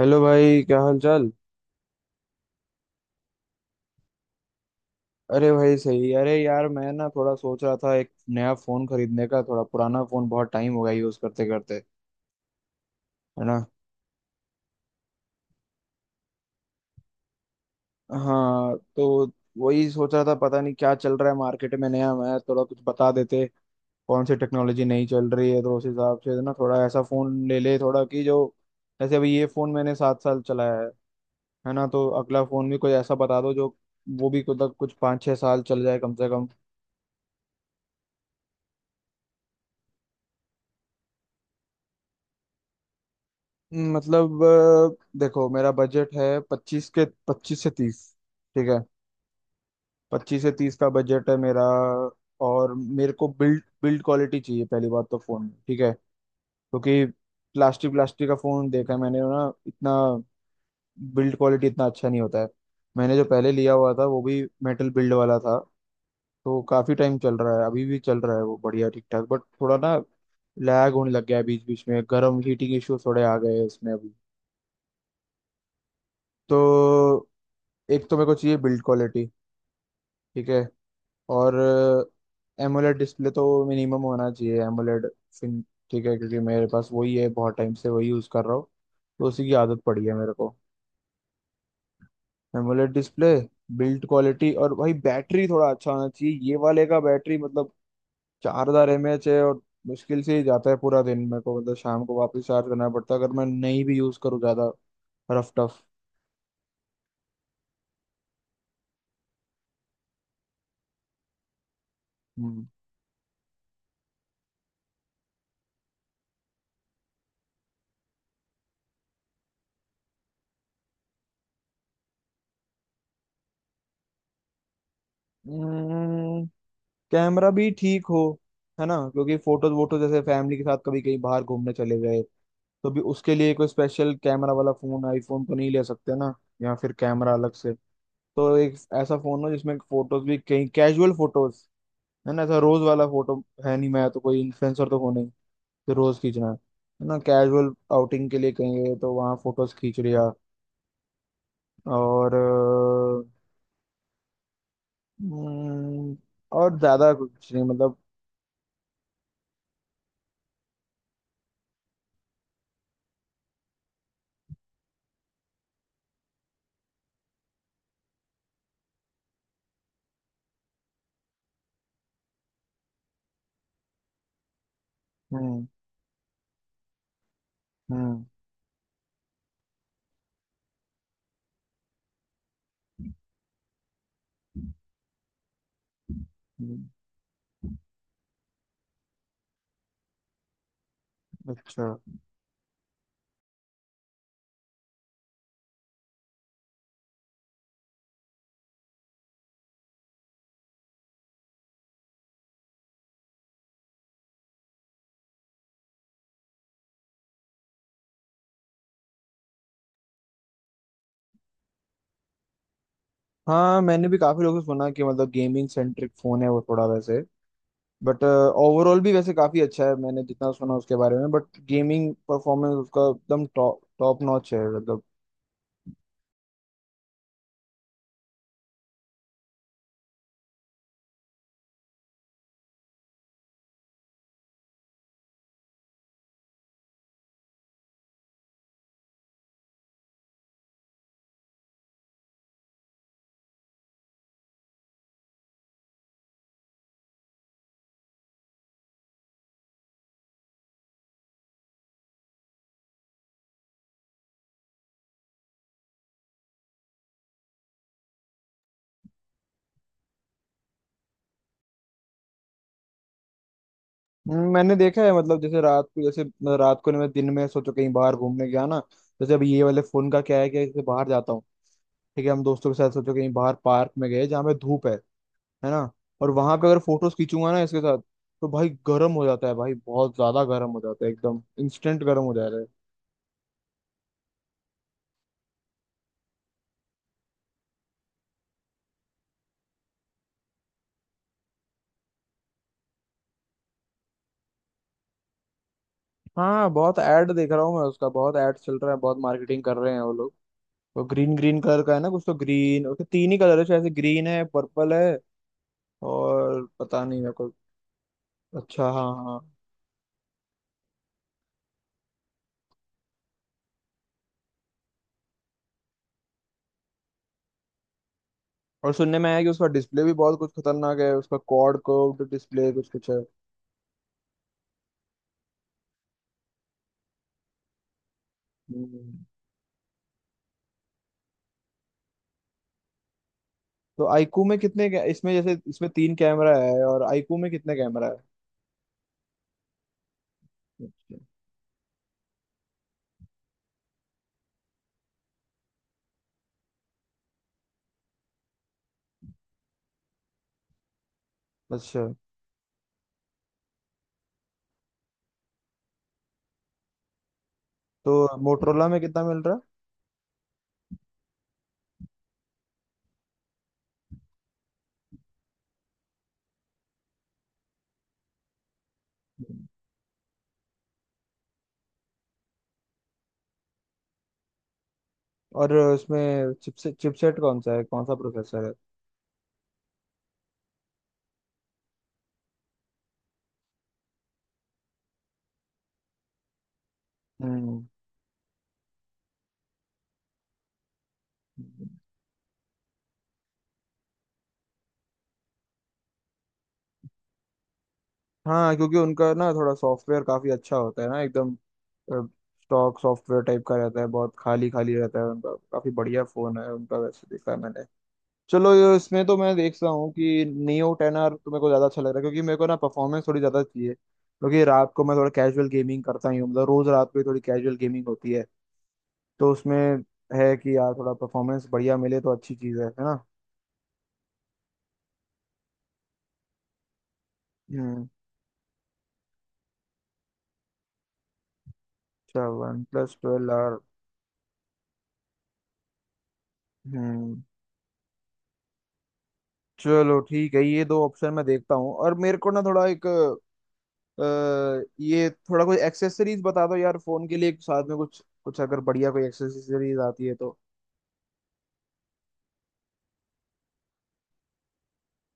Hello भाई, क्या हाल चाल। अरे भाई सही। अरे यार, मैं ना थोड़ा सोच रहा था एक नया फोन खरीदने का, थोड़ा पुराना फोन बहुत टाइम हो गया यूज करते करते, है ना। हाँ, तो वही सोच रहा था, पता नहीं क्या चल रहा है मार्केट में नया, मैं थोड़ा कुछ बता देते कौन सी टेक्नोलॉजी नई चल रही है, तो उस हिसाब से ना थोड़ा ऐसा फोन ले ले थोड़ा कि जो, जैसे अभी ये फोन मैंने 7 साल चलाया है ना, तो अगला फोन भी कोई ऐसा बता दो जो वो भी कुछ कुछ 5-6 साल चल जाए कम से कम। मतलब देखो, मेरा बजट है पच्चीस के, 25 से 30। ठीक है, 25 से 30 का बजट है मेरा। और मेरे को बिल्ड बिल्ड क्वालिटी चाहिए पहली बात तो फोन में। ठीक है, क्योंकि प्लास्टिक प्लास्टिक का फोन देखा है मैंने ना, इतना बिल्ड क्वालिटी इतना अच्छा नहीं होता है। मैंने जो पहले लिया हुआ था वो भी मेटल बिल्ड वाला था, तो काफी टाइम चल रहा है, अभी भी चल रहा है वो, बढ़िया ठीक ठाक, बट थोड़ा ना लैग होने लग गया है बीच बीच में, गर्म हीटिंग इश्यूज थोड़े आ गए हैं इसमें अभी। तो एक तो मेरे को चाहिए बिल्ड क्वालिटी, ठीक है। और एमोलेड डिस्प्ले तो मिनिमम होना चाहिए, एमोलेड फिन। ठीक है, क्योंकि मेरे पास वही है, बहुत टाइम से वही यूज़ कर रहा हूँ, तो उसी की आदत पड़ी है मेरे को। एमोलेड डिस्प्ले, बिल्ड क्वालिटी, और भाई बैटरी थोड़ा अच्छा होना चाहिए। ये वाले का बैटरी मतलब 4,000 एम एच है, और मुश्किल से ही जाता है पूरा दिन। मेरे को मतलब शाम को वापस चार्ज करना पड़ता है अगर मैं नहीं भी यूज़ करूँ ज़्यादा। Rough tough. हम्म। कैमरा भी ठीक हो, है ना, क्योंकि फोटोज वोटो, जैसे फैमिली के साथ कभी कहीं बाहर घूमने चले गए तो भी उसके लिए कोई स्पेशल कैमरा वाला फोन, आईफोन तो नहीं ले सकते ना, या फिर कैमरा अलग से। तो एक ऐसा फोन हो जिसमें फोटोज भी कहीं कैजुअल फोटोज, है ना, ऐसा रोज वाला फोटो है नहीं, मैं तो कोई इन्फ्लुएंसर तो हो नहीं, तो रोज खींचना है ना, कैजुअल आउटिंग के लिए कहीं गए तो वहाँ फोटोज खींच लिया। और अ, हम्म, और ज्यादा कुछ नहीं मतलब। हम्म। हम्म। हम्म। अच्छा। हाँ, मैंने भी काफी लोगों से सुना कि मतलब गेमिंग सेंट्रिक फोन है वो, थोड़ा वैसे, बट ओवरऑल भी वैसे काफी अच्छा है मैंने जितना सुना उसके बारे में, बट गेमिंग परफॉर्मेंस उसका एकदम टॉप टॉप नॉच है मतलब। मैंने देखा है मतलब, जैसे रात को, जैसे मतलब रात को नहीं, मैं दिन में सोचो कहीं बाहर घूमने गया ना, जैसे अब ये वाले फोन का क्या है कि जैसे बाहर जाता हूँ, ठीक है, हम दोस्तों के साथ सोचो कहीं बाहर पार्क में गए जहाँ पे धूप है ना, और वहां पे अगर फोटोज खींचूंगा ना इसके साथ, तो भाई गर्म हो जाता है भाई, बहुत ज्यादा गर्म हो जाता है, एकदम इंस्टेंट गर्म हो जाता है। हाँ, बहुत ऐड देख रहा हूँ मैं उसका, बहुत ऐड चल रहा है, बहुत मार्केटिंग कर रहे हैं वो लोग। वो ग्रीन ग्रीन कलर का है ना कुछ, तो ग्रीन, उसके तीन ही कलर है शायद से, ग्रीन है, पर्पल है, और पता नहीं मेरे को। अच्छा, हाँ हाँ। और सुनने में आया कि उसका डिस्प्ले भी बहुत कुछ खतरनाक है, उसका क्वाड कर्व्ड डिस्प्ले कुछ कुछ है। हम्म। तो आईकू में कितने इसमें, जैसे इसमें तीन कैमरा है, और आईकू में कितने कैमरा है? अच्छा। अच्छा, तो मोटरोला में कितना मिल रहा है? और उसमें चिपसेट, चिपसेट कौन सा है, कौन सा प्रोसेसर है? हम्म। हाँ, क्योंकि उनका ना थोड़ा सॉफ्टवेयर काफी अच्छा होता है ना, एकदम स्टॉक सॉफ्टवेयर टाइप का रहता है, बहुत खाली खाली रहता है उनका, काफी बढ़िया फोन है उनका वैसे, देखा है मैंने। चलो इसमें तो मैं देख रहा हूँ कि नियो टेन आर तो मेरे को ज्यादा अच्छा लग रहा है, क्योंकि मेरे को ना परफॉर्मेंस थोड़ी ज्यादा चाहिए, क्योंकि रात को मैं थोड़ा कैजुअल गेमिंग करता ही हूँ, मतलब रोज रात को ही थोड़ी कैजुअल गेमिंग होती है, तो उसमें है कि यार थोड़ा परफॉर्मेंस बढ़िया मिले तो अच्छी चीज है ना। हम्म। अच्छा, वन प्लस ट्वेल्व आर। हम्म। चलो ठीक है, ये दो ऑप्शन मैं देखता हूँ, और मेरे को ना थोड़ा एक अ, ये थोड़ा कोई एक्सेसरीज बता दो यार फोन के लिए एक साथ में कुछ कुछ, अगर बढ़िया कोई एक्सेसरीज आती है तो।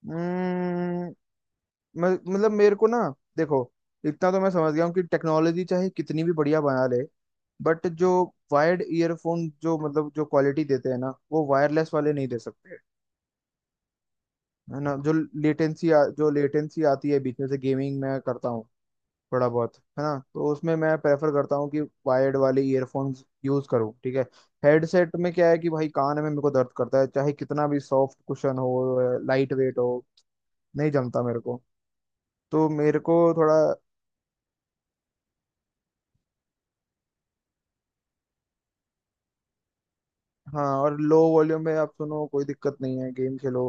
हम्म। मतलब मेरे को ना, देखो, इतना तो मैं समझ गया हूँ कि टेक्नोलॉजी चाहे कितनी भी बढ़िया बना ले, बट जो वायर्ड ईयरफोन जो मतलब जो क्वालिटी देते हैं ना, वो वायरलेस वाले नहीं दे सकते। है ना, लेटेंसी जो लेटेंसी आती है बीच में से, गेमिंग मैं करता हूँ थोड़ा बहुत, है ना, तो उसमें मैं प्रेफर करता हूँ कि वायर्ड वाले ईयरफोन्स यूज करूँ। ठीक है, हेडसेट में क्या है कि भाई कान में मेरे को दर्द करता है, चाहे कितना भी सॉफ्ट कुशन हो, लाइट वेट हो, नहीं जमता मेरे को। तो मेरे को थोड़ा। हाँ, और लो वॉल्यूम में आप सुनो कोई दिक्कत नहीं है, गेम खेलो,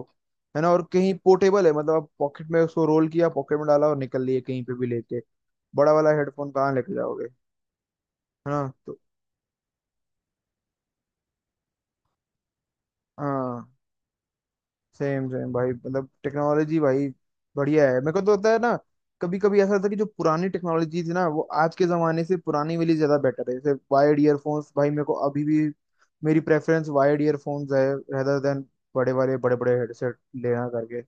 है ना, और कहीं पोर्टेबल है, मतलब आप पॉकेट में उसको रोल किया, पॉकेट में डाला और निकल लिए कहीं पे भी लेके। बड़ा वाला हेडफोन कहाँ लेके जाओगे, है ना, तो। हाँ, सेम सेम भाई, मतलब टेक्नोलॉजी भाई बढ़िया है, मेरे को तो होता है ना कभी कभी ऐसा, होता है कि जो पुरानी टेक्नोलॉजी थी ना, वो आज के जमाने से पुरानी वाली ज्यादा बेटर है, जैसे वायर्ड ईयरफोन्स भाई, मेरे को अभी भी मेरी प्रेफरेंस वायर्ड ईयरफोन्स है रेदर देन बड़े वाले बड़े बड़े हेडसेट लेना करके।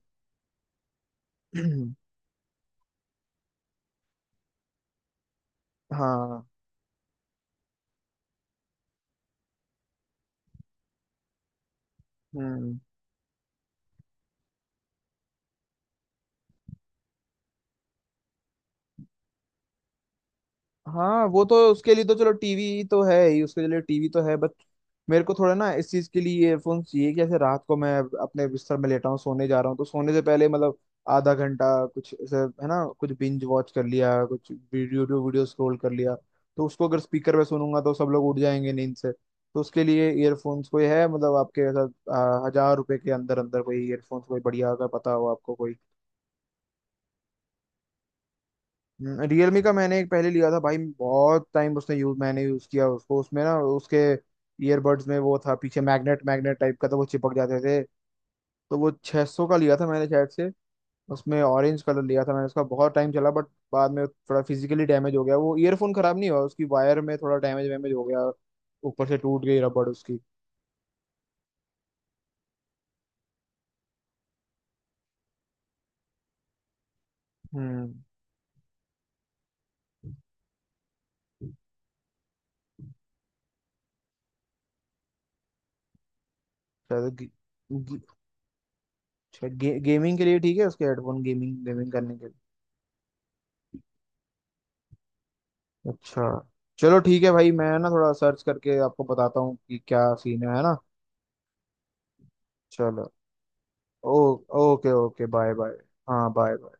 हाँ। हम्म। हाँ, वो तो उसके लिए तो चलो, टीवी तो है ही उसके लिए, टीवी तो है, बट मेरे को थोड़ा ना इस चीज के लिए ईयरफोन चाहिए कि ऐसे रात को मैं अपने बिस्तर में लेटा हूँ, सोने जा रहा हूँ, तो सोने से पहले मतलब आधा घंटा कुछ ऐसे, है ना, कुछ बिंज वॉच कर लिया, कुछ वीडियो वीडियो स्क्रॉल कर लिया, तो उसको अगर स्पीकर पे सुनूंगा तो सब लोग उठ जाएंगे नींद से। तो उसके लिए ईयरफोन्स कोई है, मतलब आपके ऐसा 1,000 रुपए के अंदर अंदर कोई ईयरफोन्स कोई बढ़िया, अगर पता हो आपको कोई। रियलमी का मैंने एक पहले लिया था भाई, बहुत टाइम उसने यूज, मैंने यूज किया उसको, उसमें ना उसके ईयरबड्स में वो था पीछे, मैग्नेट मैग्नेट टाइप का था, वो चिपक जाते थे। तो वो 600 का लिया था मैंने शायद से, उसमें ऑरेंज कलर लिया था मैंने, उसका बहुत टाइम चला, बट बाद में थोड़ा फिजिकली डैमेज हो गया, वो ईयरफोन खराब नहीं हुआ, उसकी वायर में थोड़ा डैमेज वैमेज हो गया, ऊपर से टूट गई रबड़ उसकी। हम्म। शायद गे, गे, शायद गे, गेमिंग के लिए ठीक है उसके हेडफोन, गेमिंग गेमिंग करने के। अच्छा। चलो ठीक है भाई, मैं ना थोड़ा सर्च करके आपको बताता हूँ कि क्या सीन है ना। चलो। ओ। Okay okay, bye bye. हाँ, बाय।